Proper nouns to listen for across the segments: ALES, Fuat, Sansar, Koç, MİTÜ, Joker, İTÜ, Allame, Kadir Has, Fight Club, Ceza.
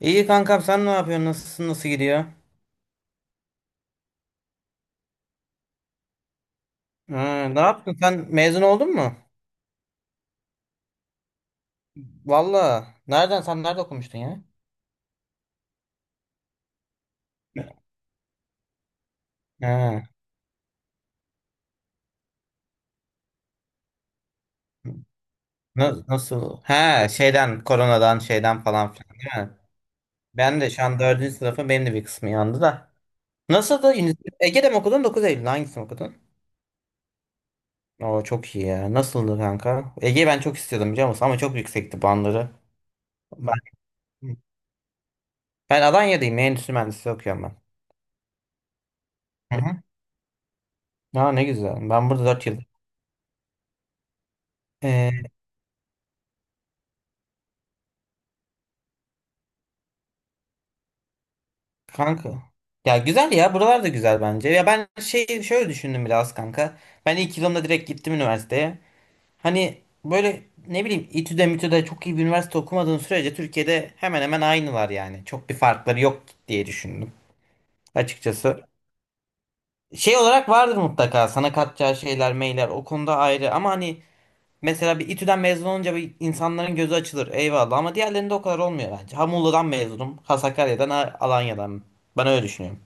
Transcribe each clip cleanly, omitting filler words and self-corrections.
İyi kankam sen ne yapıyorsun? Nasılsın? Nasıl gidiyor? Ha, ne yaptın? Sen mezun oldun mu? Valla. Nereden? Sen nerede okumuştun ya? Ha, nasıl? Ha, şeyden, koronadan, şeyden falan filan değil mi? Ben de şu an dördüncü sınıfım. Benim de bir kısmı yandı da. Nasıldı? Ege'de mi okudun? Dokuz Eylül'de hangisini okudun? Oo, çok iyi ya. Nasıldı kanka? Ege'yi ben çok istiyordum biliyor musun? Ama çok yüksekti bandları. Ben, ben Alanya'dayım. Endüstri mühendisliği okuyorum ben. Hı hı. Aa, ne güzel. Ben burada 4 yıl. Kanka. Ya güzel ya buralar da güzel bence. Ya ben şöyle düşündüm biraz kanka. Ben ilk yılımda direkt gittim üniversiteye. Hani böyle ne bileyim İTÜ'de MİTÜ'de çok iyi bir üniversite okumadığın sürece Türkiye'de hemen hemen aynılar yani. Çok bir farkları yok diye düşündüm açıkçası. Şey olarak vardır mutlaka sana katacağı şeyler meyler o konuda ayrı, ama hani mesela bir İTÜ'den mezun olunca bir insanların gözü açılır, eyvallah, ama diğerlerinde o kadar olmuyor bence. Ha Muğla'dan mezunum, ha Sakarya'dan, ha Alanya'dan, ben öyle düşünüyorum.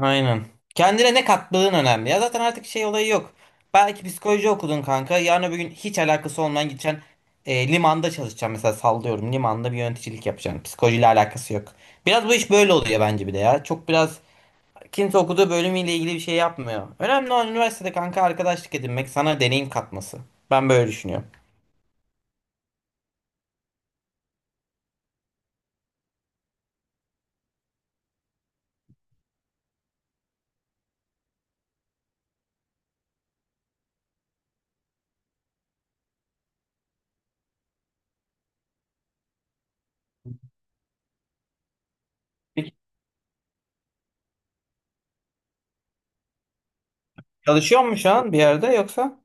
Aynen. Kendine ne kattığın önemli. Ya zaten artık şey olayı yok. Belki psikoloji okudun kanka. Yarın öbür gün hiç alakası olmayan gideceksin. Limanda çalışacaksın mesela, sallıyorum. Limanda bir yöneticilik yapacaksın. Psikolojiyle alakası yok. Biraz bu iş böyle oluyor bence bir de ya. Çok biraz kimse okuduğu bölümüyle ilgili bir şey yapmıyor. Önemli olan üniversitede kanka arkadaşlık edinmek, sana deneyim katması. Ben böyle düşünüyorum. Peki çalışıyor musun şu an bir yerde yoksa?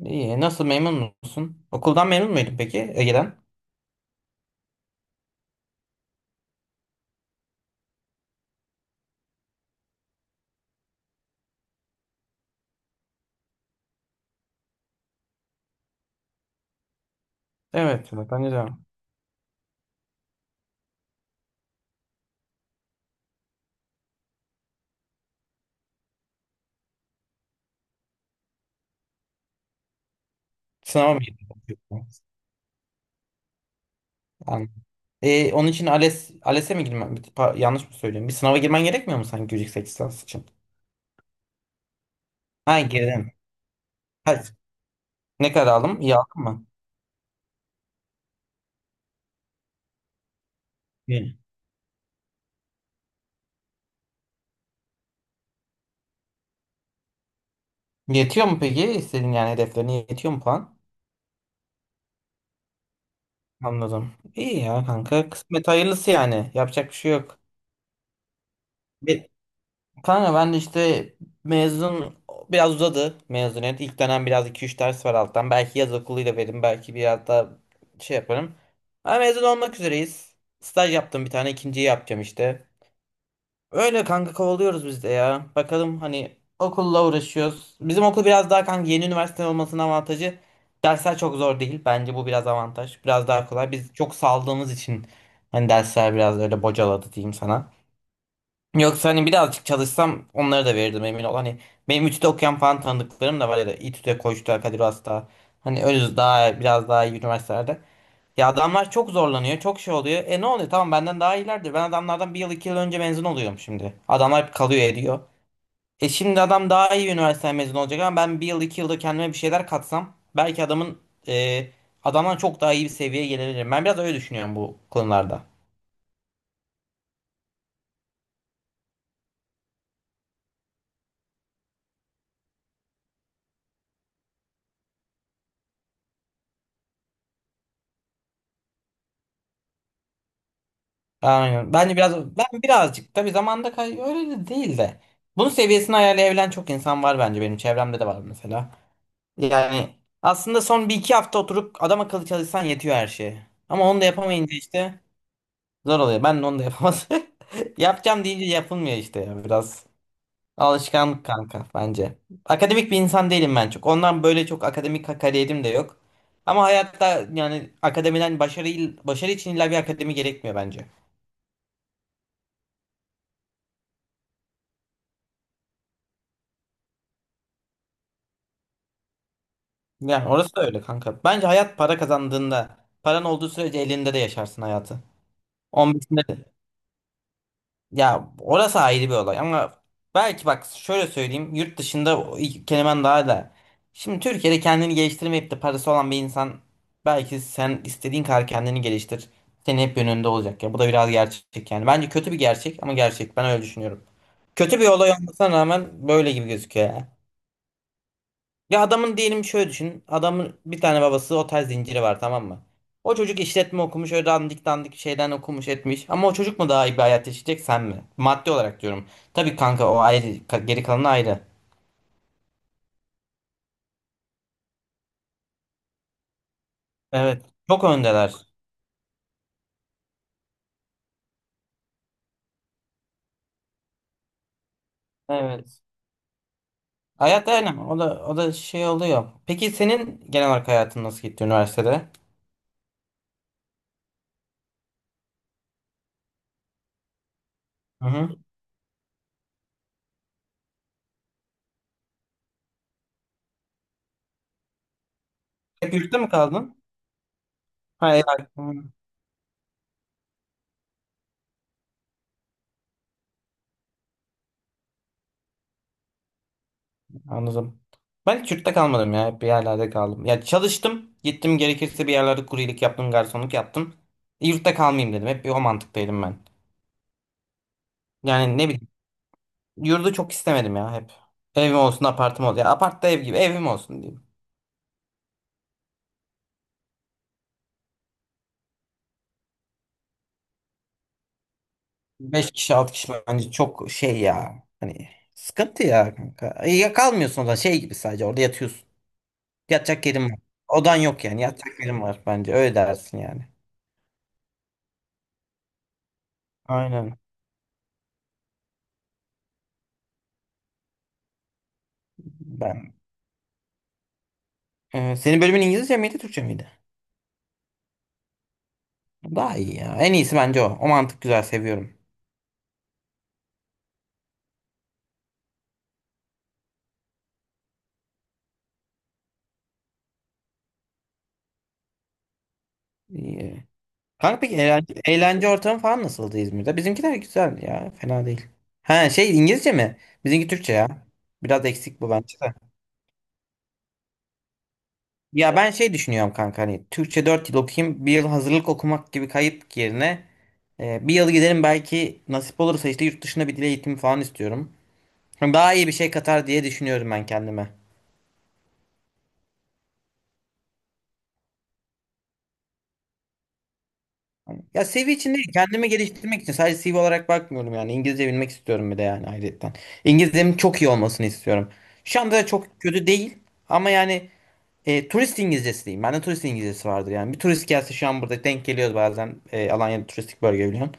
İyi. Nasıl, memnun musun? Okuldan memnun muydun peki Ege'den? Evet. Bence de. Sınava mı girdin? Anladım. Onun için ALES'e mi girmen? Yanlış mı söylüyorum? Bir sınava girmen gerekmiyor mu sanki yüksek lisans için? Ha girdin. Ha, ne kadar aldım? İyi aldın mı? İyi. Yetiyor mu peki? İstediğin, yani hedeflerine yetiyor mu puan? Anladım. İyi ya kanka. Kısmet hayırlısı yani. Yapacak bir şey yok. Bir, kanka ben de işte mezun biraz uzadı mezuniyet. İlk dönem biraz iki üç ders var alttan. Belki yaz okuluyla veririm. Belki biraz daha şey yaparım. Ama mezun olmak üzereyiz. Staj yaptım bir tane. İkinciyi yapacağım işte. Öyle kanka, kovalıyoruz biz de ya. Bakalım hani, okulla uğraşıyoruz. Bizim okul biraz daha kanka, yeni üniversite olmasının avantajı. Dersler çok zor değil. Bence bu biraz avantaj. Biraz daha kolay. Biz çok saldığımız için hani dersler biraz öyle bocaladı diyeyim sana. Yoksa hani birazcık çalışsam onları da verirdim, emin ol. Hani benim İTÜ'de okuyan falan tanıdıklarım da var ya da İTÜ'de, Koç'ta, Kadir Has'ta. Hani öyle daha biraz daha iyi üniversitelerde. Ya adamlar çok zorlanıyor, çok şey oluyor. E ne oluyor? Tamam benden daha iyilerdir. Ben adamlardan bir yıl iki yıl önce mezun oluyorum şimdi. Adamlar hep kalıyor ediyor. E şimdi adam daha iyi bir üniversiteden mezun olacak ama ben bir yıl iki yılda kendime bir şeyler katsam belki adamın e, adamdan çok daha iyi bir seviyeye gelebilirim. Ben biraz öyle düşünüyorum bu konularda. Aynen. Bence biraz ben birazcık tabii zamanda öyle de değil de. Bunun seviyesini ayarlayabilen çok insan var bence, benim çevremde de var mesela. Yani aslında son bir iki hafta oturup adam akıllı çalışsan yetiyor her şeye. Ama onu da yapamayınca işte zor oluyor. Ben de onu da yapamadım. Yapacağım deyince yapılmıyor işte ya biraz. Alışkanlık kanka bence. Akademik bir insan değilim ben çok. Ondan böyle çok akademik kariyerim de yok. Ama hayatta yani akademiden başarı için illa bir akademi gerekmiyor bence. Yani orası da öyle kanka. Bence hayat para kazandığında, paran olduğu sürece elinde de yaşarsın hayatı. 15'inde de. Ya orası ayrı bir olay ama belki bak şöyle söyleyeyim, yurt dışında o iki kelimen daha da, şimdi Türkiye'de kendini geliştirmeyip de parası olan bir insan, belki sen istediğin kadar kendini geliştir, senin hep önünde olacak ya. Bu da biraz gerçek yani, bence kötü bir gerçek ama gerçek, ben öyle düşünüyorum. Kötü bir olay olmasına rağmen böyle gibi gözüküyor ya. Adamın diyelim şöyle düşün. Adamın bir tane babası otel zinciri var, tamam mı? O çocuk işletme okumuş, öyle dandik dandik şeyden okumuş etmiş. Ama o çocuk mu daha iyi bir hayat yaşayacak sen mi? Maddi olarak diyorum. Tabii kanka o ayrı, geri kalanı ayrı. Evet. Çok öndeler. Evet. Hayat aynen o da, o da şey oluyor. Peki senin genel olarak hayatın nasıl gitti üniversitede? Hı hı. Hep yurtta mı kaldın? Hayır. Anladım. Ben hiç yurtta kalmadım ya. Hep bir yerlerde kaldım. Ya çalıştım. Gittim gerekirse bir yerlerde kuryelik yaptım, garsonluk yaptım. Yurtta kalmayayım dedim. Hep bir o mantıktaydım ben. Yani ne bileyim. Yurdu çok istemedim ya hep. Evim olsun, apartım olsun. Ya apart da ev gibi. Evim olsun diyeyim. 5 kişi, 6 kişi bence çok şey ya. Hani sıkıntı ya kanka. Ya kalmıyorsun da şey gibi, sadece orada yatıyorsun. Yatacak yerin var. Odan yok yani. Yatacak yerin var bence. Öyle dersin yani. Aynen. Ben. Senin bölümün İngilizce miydi, Türkçe miydi? Daha iyi ya. En iyisi bence o. O mantık güzel, seviyorum. İyi. Kanka peki eğlence, eğlence ortamı falan nasıldı İzmir'de? Bizimkiler güzel ya. Fena değil. Ha şey, İngilizce mi? Bizimki Türkçe ya. Biraz eksik bu bence. Ya ben düşünüyorum kanka, hani Türkçe 4 yıl okuyayım, bir yıl hazırlık okumak gibi kayıp yerine 1 yıl giderim belki, nasip olursa işte yurt dışında bir dil eğitimi falan istiyorum. Hani daha iyi bir şey katar diye düşünüyorum ben kendime. Ya CV için değil, kendimi geliştirmek için, sadece CV olarak bakmıyorum yani. İngilizce bilmek istiyorum bir de yani, ayrıca. İngilizcemin çok iyi olmasını istiyorum. Şu anda da çok kötü değil ama yani turist İngilizcesi diyeyim. Bende turist İngilizcesi vardır yani. Bir turist gelse şu an burada denk geliyoruz bazen. E, Alanya'da turistik bölge biliyorsun.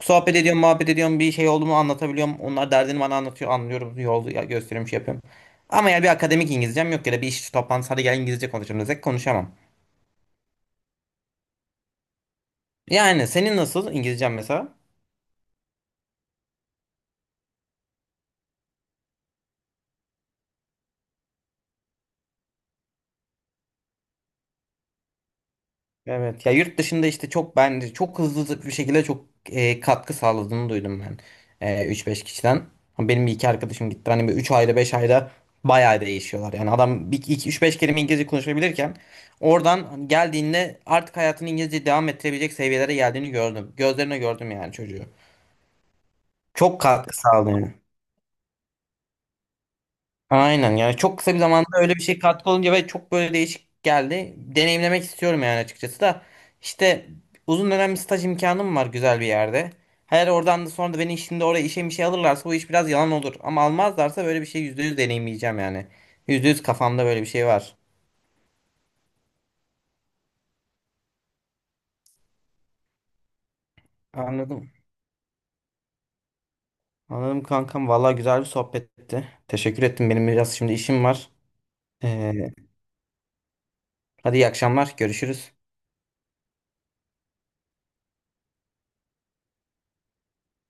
Sohbet ediyorum, muhabbet ediyorum. Bir şey oldu mu anlatabiliyorum. Onlar derdini bana anlatıyor. Anlıyorum, gösteriyorum, şey yapıyorum. Ama yani bir akademik İngilizcem yok, ya da bir iş toplantısı hadi gel İngilizce konuşalım desek konuşamam. Yani senin nasıl İngilizcen mesela? Evet ya, yurt dışında işte çok, bence çok hızlı bir şekilde çok katkı sağladığını duydum ben 3-5 kişiden. Ama benim bir iki arkadaşım gitti. Hani bir 3 ayda 5 ayda bayağı değişiyorlar. Yani adam bir iki üç beş kelime İngilizce konuşabilirken oradan geldiğinde artık hayatını İngilizce devam ettirebilecek seviyelere geldiğini gördüm. Gözlerine gördüm yani çocuğu. Çok katkı sağladı. Aynen, yani çok kısa bir zamanda öyle bir şey katkı olunca, ve çok böyle değişik geldi. Deneyimlemek istiyorum yani açıkçası da. İşte uzun dönem bir staj imkanım var güzel bir yerde. Her oradan da sonra da beni şimdi oraya işe bir şey alırlarsa bu iş biraz yalan olur. Ama almazlarsa böyle bir şey %100 deneyimleyeceğim yani. %100 kafamda böyle bir şey var. Anladım. Anladım kankam. Valla güzel bir sohbetti. Teşekkür ettim. Benim biraz şimdi işim var. Ee, Hadi iyi akşamlar. Görüşürüz.